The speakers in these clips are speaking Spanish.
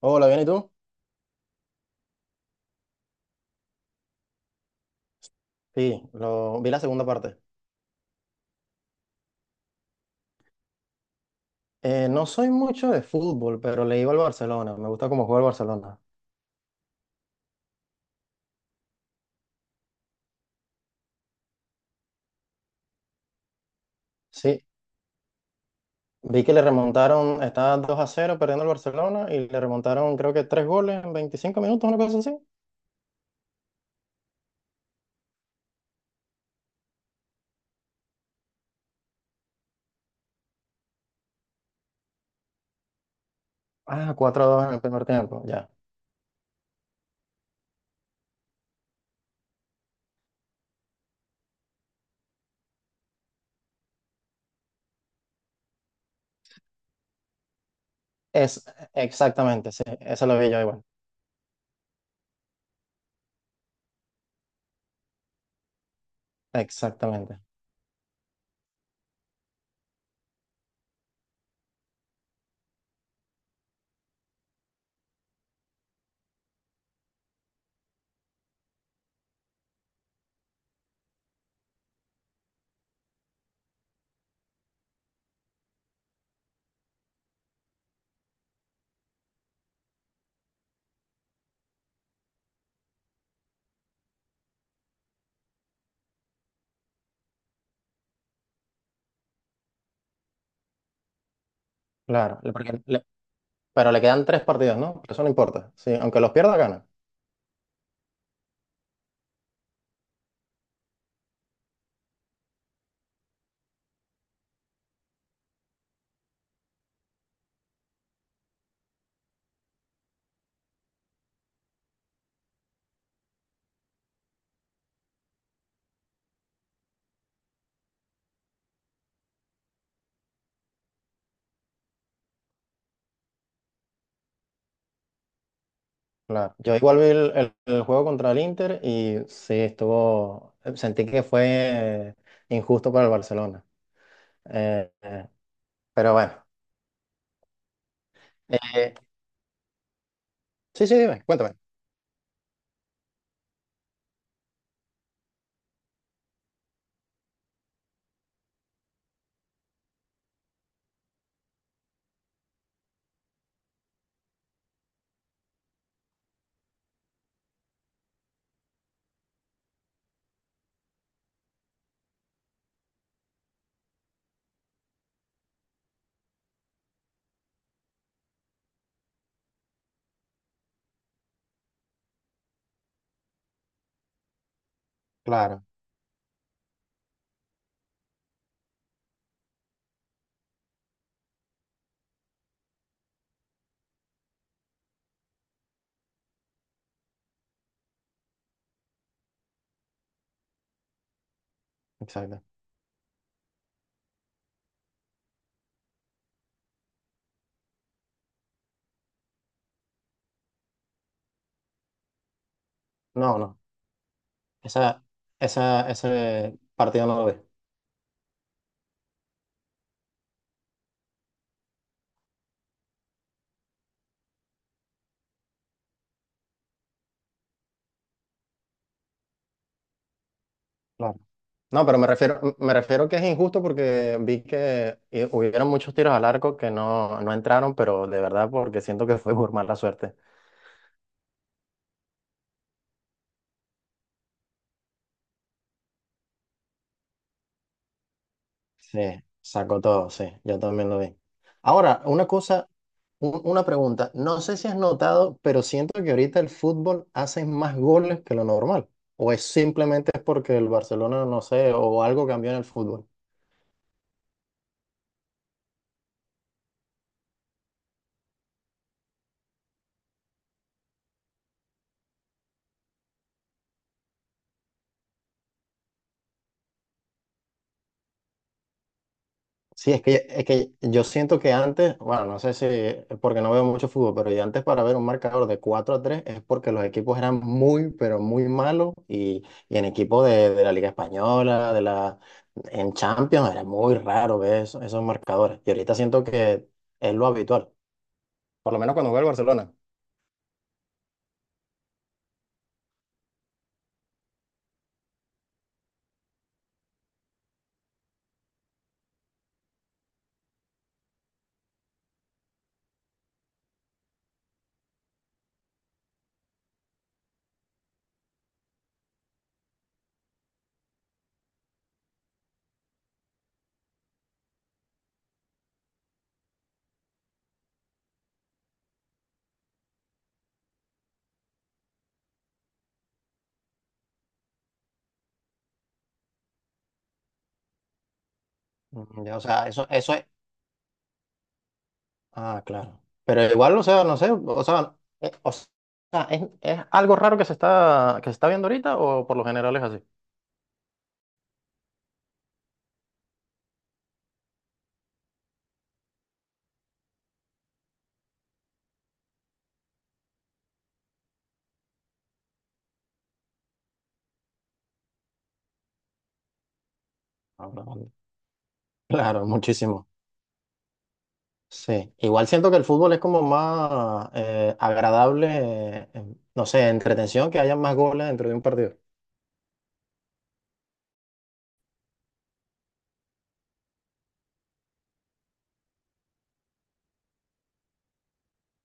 Hola, ¿bien y tú? Sí, vi la segunda parte. No soy mucho de fútbol, pero le iba al Barcelona. Me gusta cómo juega el Barcelona. Sí, vi que le remontaron, estaba 2-0 perdiendo el Barcelona y le remontaron creo que 3 goles en 25 minutos, una cosa así. Ah, 4-2 en el primer tiempo, ya. Es Exactamente, sí, eso lo vi yo igual. Exactamente. Claro, pero le quedan tres partidos, ¿no? Eso no importa. Sí, aunque los pierda, gana. Claro. Yo igual vi el juego contra el Inter y sí, estuvo, sentí que fue injusto para el Barcelona. Eh, eh, pero bueno. Eh, sí, sí, dime, cuéntame. Claro, exacto. No, no. Esa, Ese partido no lo vi. Claro. No, pero me refiero que es injusto porque vi que hubieron muchos tiros al arco que no, no entraron, pero de verdad porque siento que fue por mala suerte. Sí, sacó todo, sí, yo también lo vi. Ahora, una cosa, una pregunta. No sé si has notado, pero siento que ahorita el fútbol hace más goles que lo normal. ¿O es simplemente es porque el Barcelona, no sé, o algo cambió en el fútbol? Sí, es que yo siento que antes, bueno, no sé si es porque no veo mucho fútbol, pero yo antes para ver un marcador de 4-3 es porque los equipos eran muy, pero muy malos y en equipos de la Liga Española, en Champions, era muy raro ver esos marcadores. Y ahorita siento que es lo habitual, por lo menos cuando juega el Barcelona. Mm, ya, o sea, eso es. Ah, claro. Pero igual, o sea, no sé, o sea, ¿es algo raro que se está viendo ahorita o por lo general es así? Claro, muchísimo. Sí. Igual siento que el fútbol es como más agradable, no sé, entretención, que haya más goles dentro de un partido.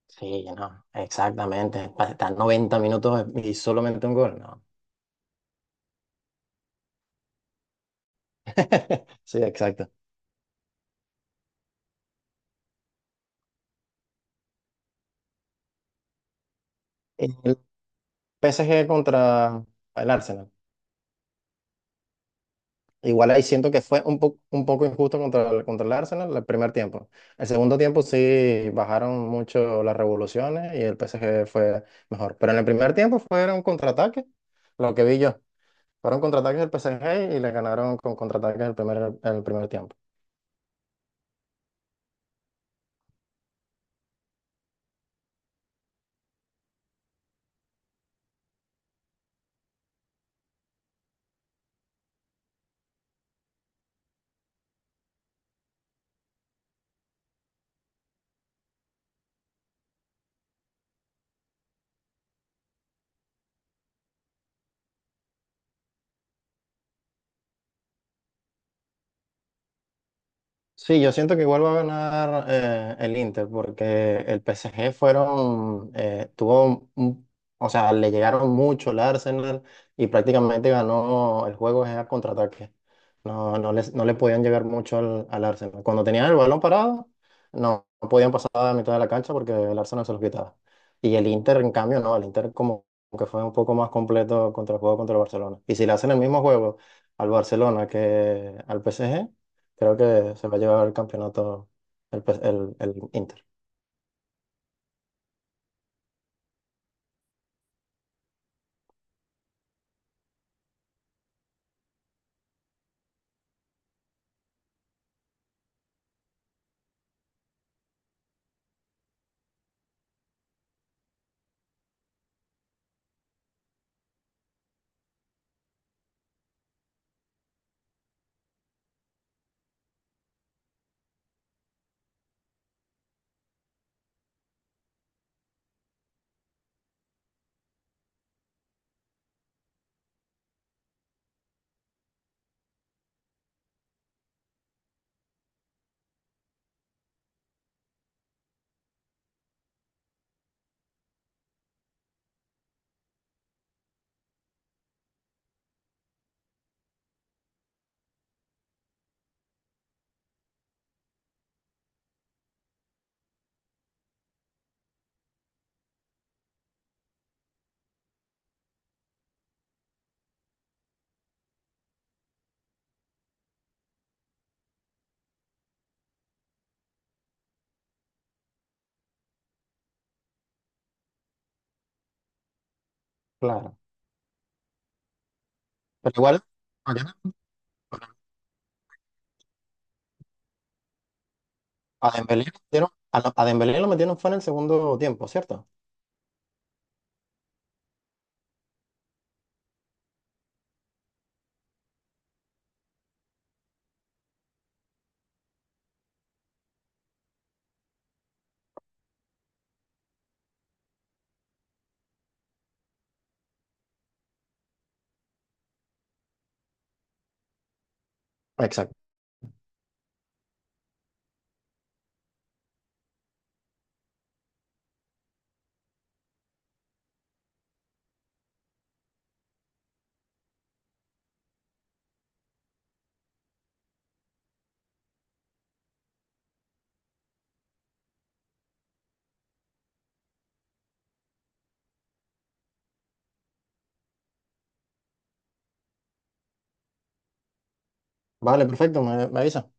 Sí, no, exactamente. Para estar 90 minutos y solamente un gol, no. Sí, exacto. El PSG contra el Arsenal. Igual ahí siento que fue un poco injusto contra el Arsenal el primer tiempo. El segundo tiempo sí bajaron mucho las revoluciones y el PSG fue mejor. Pero en el primer tiempo fueron contraataques, lo que vi yo. Fueron contraataques del PSG y le ganaron con contraataques el primer tiempo. Sí, yo siento que igual va a ganar el Inter porque el PSG fueron, tuvo, o sea, le llegaron mucho al Arsenal y prácticamente ganó el juego es a contraataque. No, no les, no le podían llegar mucho al Arsenal. Cuando tenían el balón parado, no, no podían pasar a la mitad de la cancha porque el Arsenal se los quitaba. Y el Inter, en cambio, no, el Inter como que fue un poco más completo contra el juego contra el Barcelona. Y si le hacen el mismo juego al Barcelona que al PSG creo que se va a llevar el campeonato el Inter. Claro. Pero igual, mañana, a Dembélé lo metieron, a Dembélé lo metieron fue en el segundo tiempo, ¿cierto? Exacto. Vale, perfecto, me avisa.